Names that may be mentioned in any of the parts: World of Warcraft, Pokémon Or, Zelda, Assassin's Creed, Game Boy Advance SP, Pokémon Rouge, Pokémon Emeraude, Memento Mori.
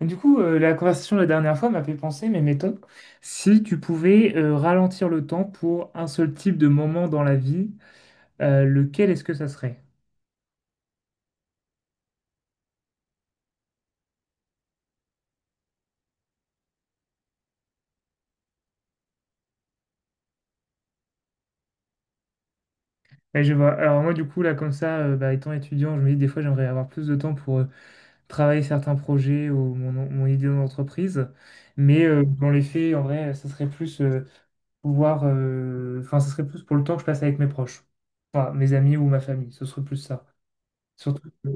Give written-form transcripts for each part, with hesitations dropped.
La conversation de la dernière fois m'a fait penser, mais mettons, si tu pouvais ralentir le temps pour un seul type de moment dans la vie, lequel est-ce que ça serait? Et je vois. Alors moi, là, comme ça, étant étudiant, je me dis des fois, j'aimerais avoir plus de temps pour travailler certains projets ou mon idée d'entreprise. Mais dans les faits, en vrai, ça serait plus ça serait plus pour le temps que je passe avec mes proches. Enfin, mes amis ou ma famille, ce serait plus ça. Surtout que... euh,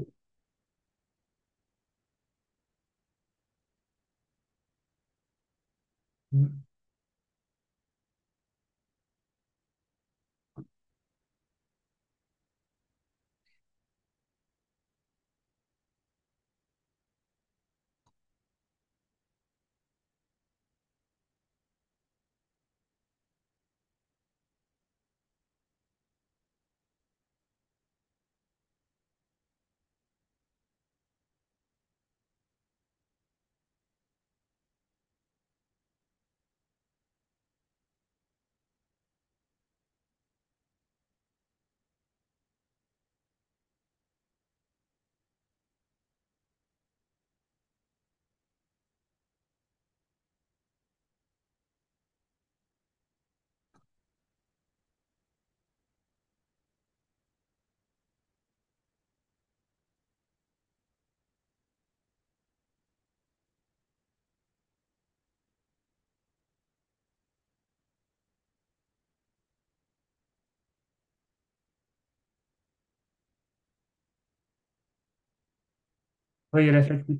ouais, il y a la fatigue.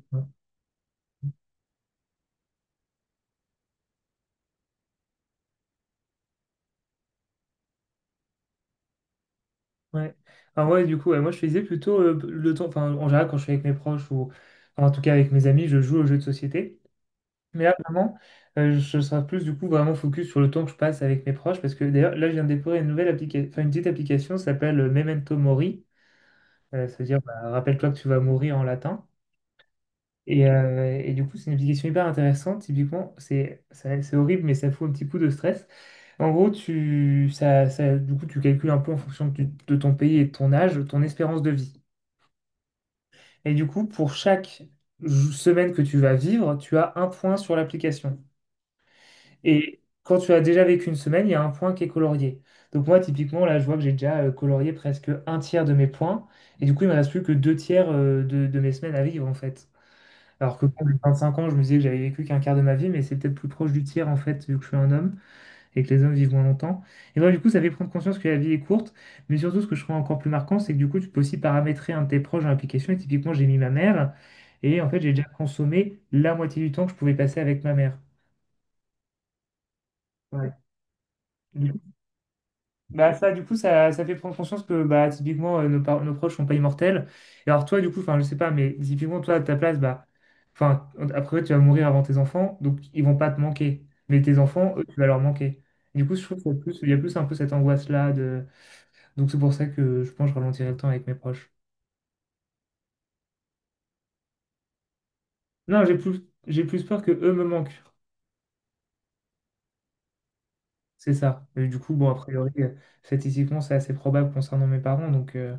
Ouais. Moi je faisais plutôt le temps, enfin en général quand je suis avec mes proches ou enfin, en tout cas avec mes amis, je joue aux jeux de société. Mais là vraiment, je serai plus du coup vraiment focus sur le temps que je passe avec mes proches parce que d'ailleurs là je viens de découvrir une nouvelle application, enfin une petite application ça s'appelle Memento Mori, c'est-à-dire bah, rappelle-toi que tu vas mourir en latin. Et du coup c'est une application hyper intéressante, typiquement c'est horrible mais ça fout un petit coup de stress. En gros, tu, ça- du coup, tu calcules un peu en fonction de, de ton pays et de ton âge, ton espérance de vie. Et du coup, pour chaque semaine que tu vas vivre, tu as un point sur l'application. Et quand tu as déjà vécu une semaine, il y a un point qui est colorié. Donc moi, typiquement, là, je vois que j'ai déjà colorié presque un tiers de mes points. Et du coup, il ne me reste plus que deux tiers de mes semaines à vivre, en fait. Alors que quand j'ai 25 ans, je me disais que j'avais vécu qu'un quart de ma vie, mais c'est peut-être plus proche du tiers, en fait, vu que je suis un homme et que les hommes vivent moins longtemps. Et donc, du coup, ça fait prendre conscience que la vie est courte, mais surtout, ce que je trouve encore plus marquant, c'est que du coup, tu peux aussi paramétrer un de tes proches dans l'application. Et typiquement, j'ai mis ma mère, et en fait, j'ai déjà consommé la moitié du temps que je pouvais passer avec ma mère. Ouais. Du coup- Bah ça, du coup, ça fait prendre conscience que bah, typiquement, nos proches sont pas immortels. Et alors toi, du coup, enfin, je sais pas, mais typiquement, toi, à ta place, bah, enfin, après, tu vas mourir avant tes enfants, donc ils vont pas te manquer. Mais tes enfants, eux, tu vas leur manquer. Du coup, je trouve qu'il y a plus un peu cette angoisse-là. Donc c'est pour ça que je pense que je ralentirai le temps avec mes proches. Non, j'ai plus peur que eux me manquent. C'est ça. Et du coup, bon, a priori, statistiquement, c'est assez probable concernant mes parents. Donc euh,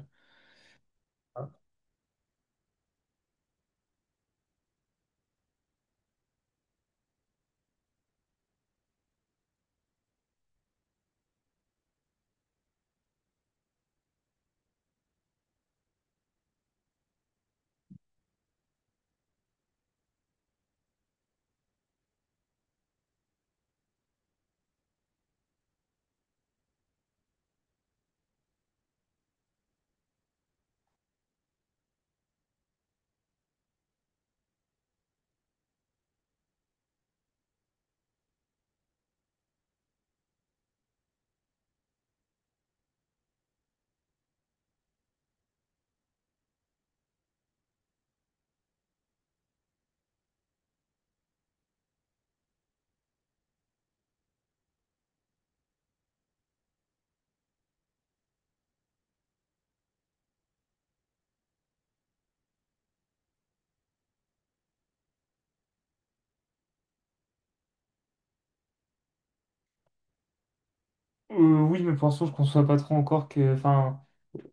euh, Oui, mes pensons, je ne conçois pas trop encore que, enfin,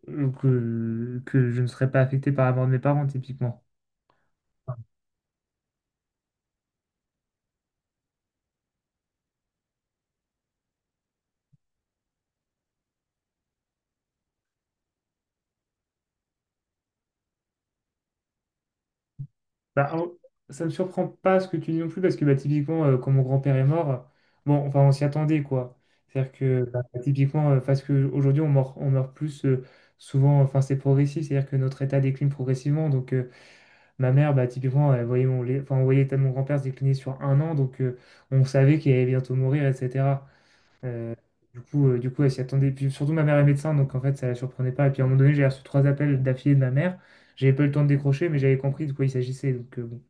que je ne serais pas affecté par la mort de mes parents, typiquement. Enfin, Bah, en- ça me surprend pas ce que tu dis non plus, parce que bah, typiquement, quand mon grand-père est mort, bon, enfin, on s'y attendait, quoi. C'est-à-dire que, bah, typiquement, parce qu'aujourd'hui, on meurt plus souvent, enfin, c'est progressif, c'est-à-dire que notre état décline progressivement. Donc, ma mère, bah, typiquement, elle voyait mon, lait- enfin, on voyait l'état de mon grand-père se décliner sur un an, donc on savait qu'il allait bientôt mourir, etc. Euh, elle s'y attendait. Puis surtout, ma mère est médecin, donc en fait, ça la surprenait pas. Et puis, à un moment donné, j'ai reçu trois appels d'affilée de ma mère. J'avais pas eu le temps de décrocher, mais j'avais compris de quoi il s'agissait. Donc bon.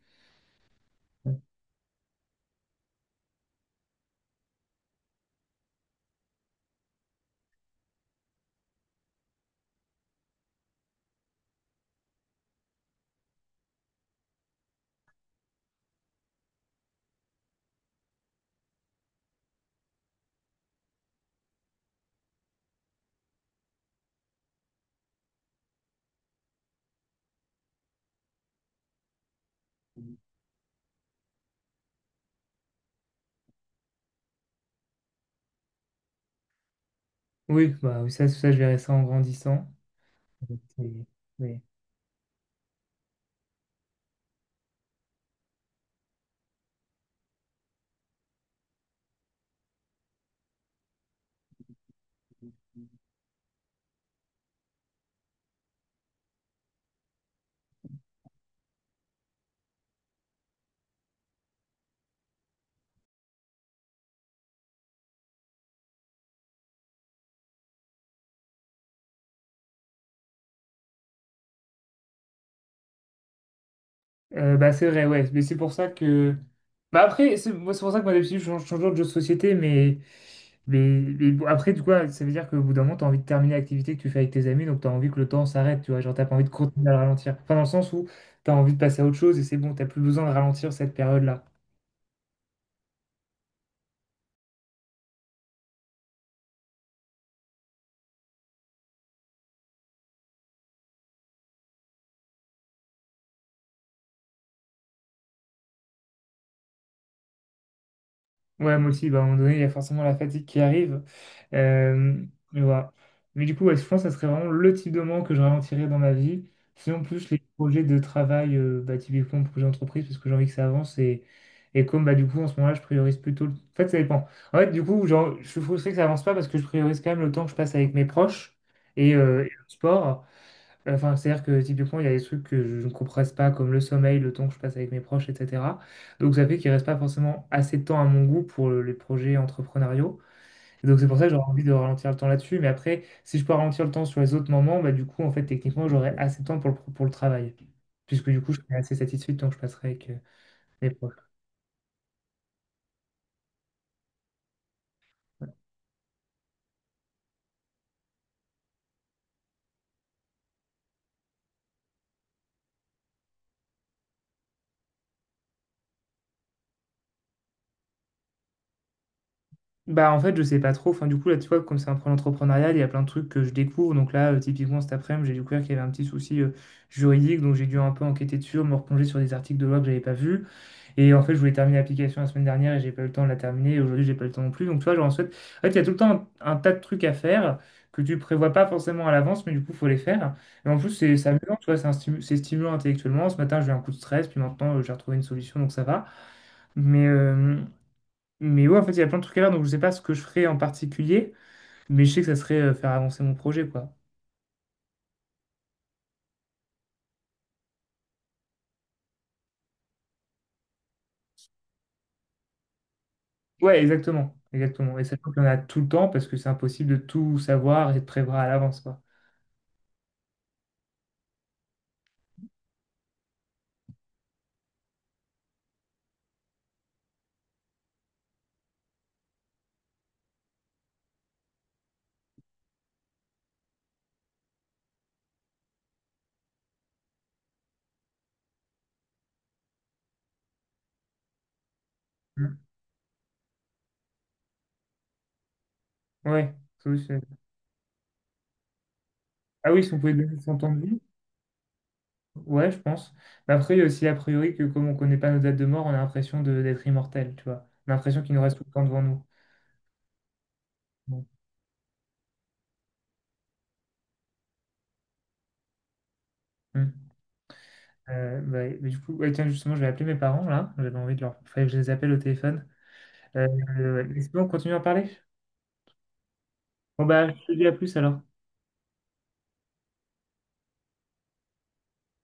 Oui, bah, oui, je verrai ça en grandissant. Oui. Oui. C'est vrai, ouais. Mais c'est pour ça que. Bah, après, c'est moi, c'est pour ça que moi, d'habitude, change toujours de jeu de société. Mais bon, après, du coup, ça veut dire qu'au bout d'un moment, tu as envie de terminer l'activité que tu fais avec tes amis. Donc, tu as envie que le temps s'arrête. Tu vois, genre, t'as pas envie de continuer à le ralentir. Enfin, dans le sens où tu as envie de passer à autre chose et c'est bon, t'as plus besoin de ralentir cette période-là. Ouais, moi aussi, bah, à un moment donné, il y a forcément la fatigue qui arrive. Euh, mais voilà. Mais du coup, ouais, je pense que ça serait vraiment le type de moment que je ralentirais dans ma vie. Sinon, plus les projets de travail, bah, typiquement projet d'entreprise, parce que j'ai envie que ça avance. Et comme bah, du coup, en ce moment-là, je priorise plutôt. En fait, ça dépend. En fait, du coup, genre, je suis frustré que ça avance pas parce que je priorise quand même le temps que je passe avec mes proches et le sport. Enfin, c'est-à-dire que typiquement, il y a des trucs que je ne compresse pas, comme le sommeil, le temps que je passe avec mes proches, etc. Donc, ça fait qu'il reste pas forcément assez de temps à mon goût pour les projets entrepreneuriaux. Et donc, c'est pour ça que j'aurais envie de ralentir le temps là-dessus. Mais après, si je peux ralentir le temps sur les autres moments, bah, du coup, en fait, techniquement, j'aurai assez de temps pour pour le travail. Puisque du coup, je serai assez satisfait du temps que je passerai avec mes proches. Bah, en fait, je sais pas trop. Enfin, du coup, là, tu vois, comme c'est un projet entrepreneurial, il y a plein de trucs que je découvre. Donc là, typiquement, cet après-midi, j'ai découvert qu'il y avait un petit souci juridique. Donc j'ai dû un peu enquêter dessus, me replonger sur des articles de loi que j'avais pas vus. Et en fait, je voulais terminer l'application la semaine dernière et j'ai pas eu le temps de la terminer. Et aujourd'hui, j'ai pas eu le temps non plus. Donc tu vois, genre, en fait, il y a tout le temps un tas de trucs à faire que tu prévois pas forcément à l'avance, mais du coup, faut les faire. Et en plus, c'est amusant, tu vois, c'est stimulant intellectuellement. Ce matin, j'ai eu un coup de stress, puis maintenant, j'ai retrouvé une solution, donc ça va. Mais, euh, mais ouais, en fait, il y a plein de trucs à faire, donc je sais pas ce que je ferais en particulier, mais je sais que ça serait faire avancer mon projet, quoi. Ouais, exactement. Et sachant qu'il y en a tout le temps, parce que c'est impossible de tout savoir et de prévoir à l'avance, quoi. Mm. Ouais. ça aussi, c'est- Ah oui, si on pouvait donner son temps de vie, ouais, je pense. Mais après, il y a aussi a priori que comme on connaît pas nos dates de mort, on a l'impression d'être immortel, tu vois. On a l'impression qu'il nous reste tout le temps devant nous. Bon. Mm. Mais du coup, ouais, tiens, justement, je vais appeler mes parents, là. J'avais envie de leur... Fallait que je les appelle au téléphone. Euh, mais c'est bon, continue à en parler? Bon, bah, je te dis à plus alors.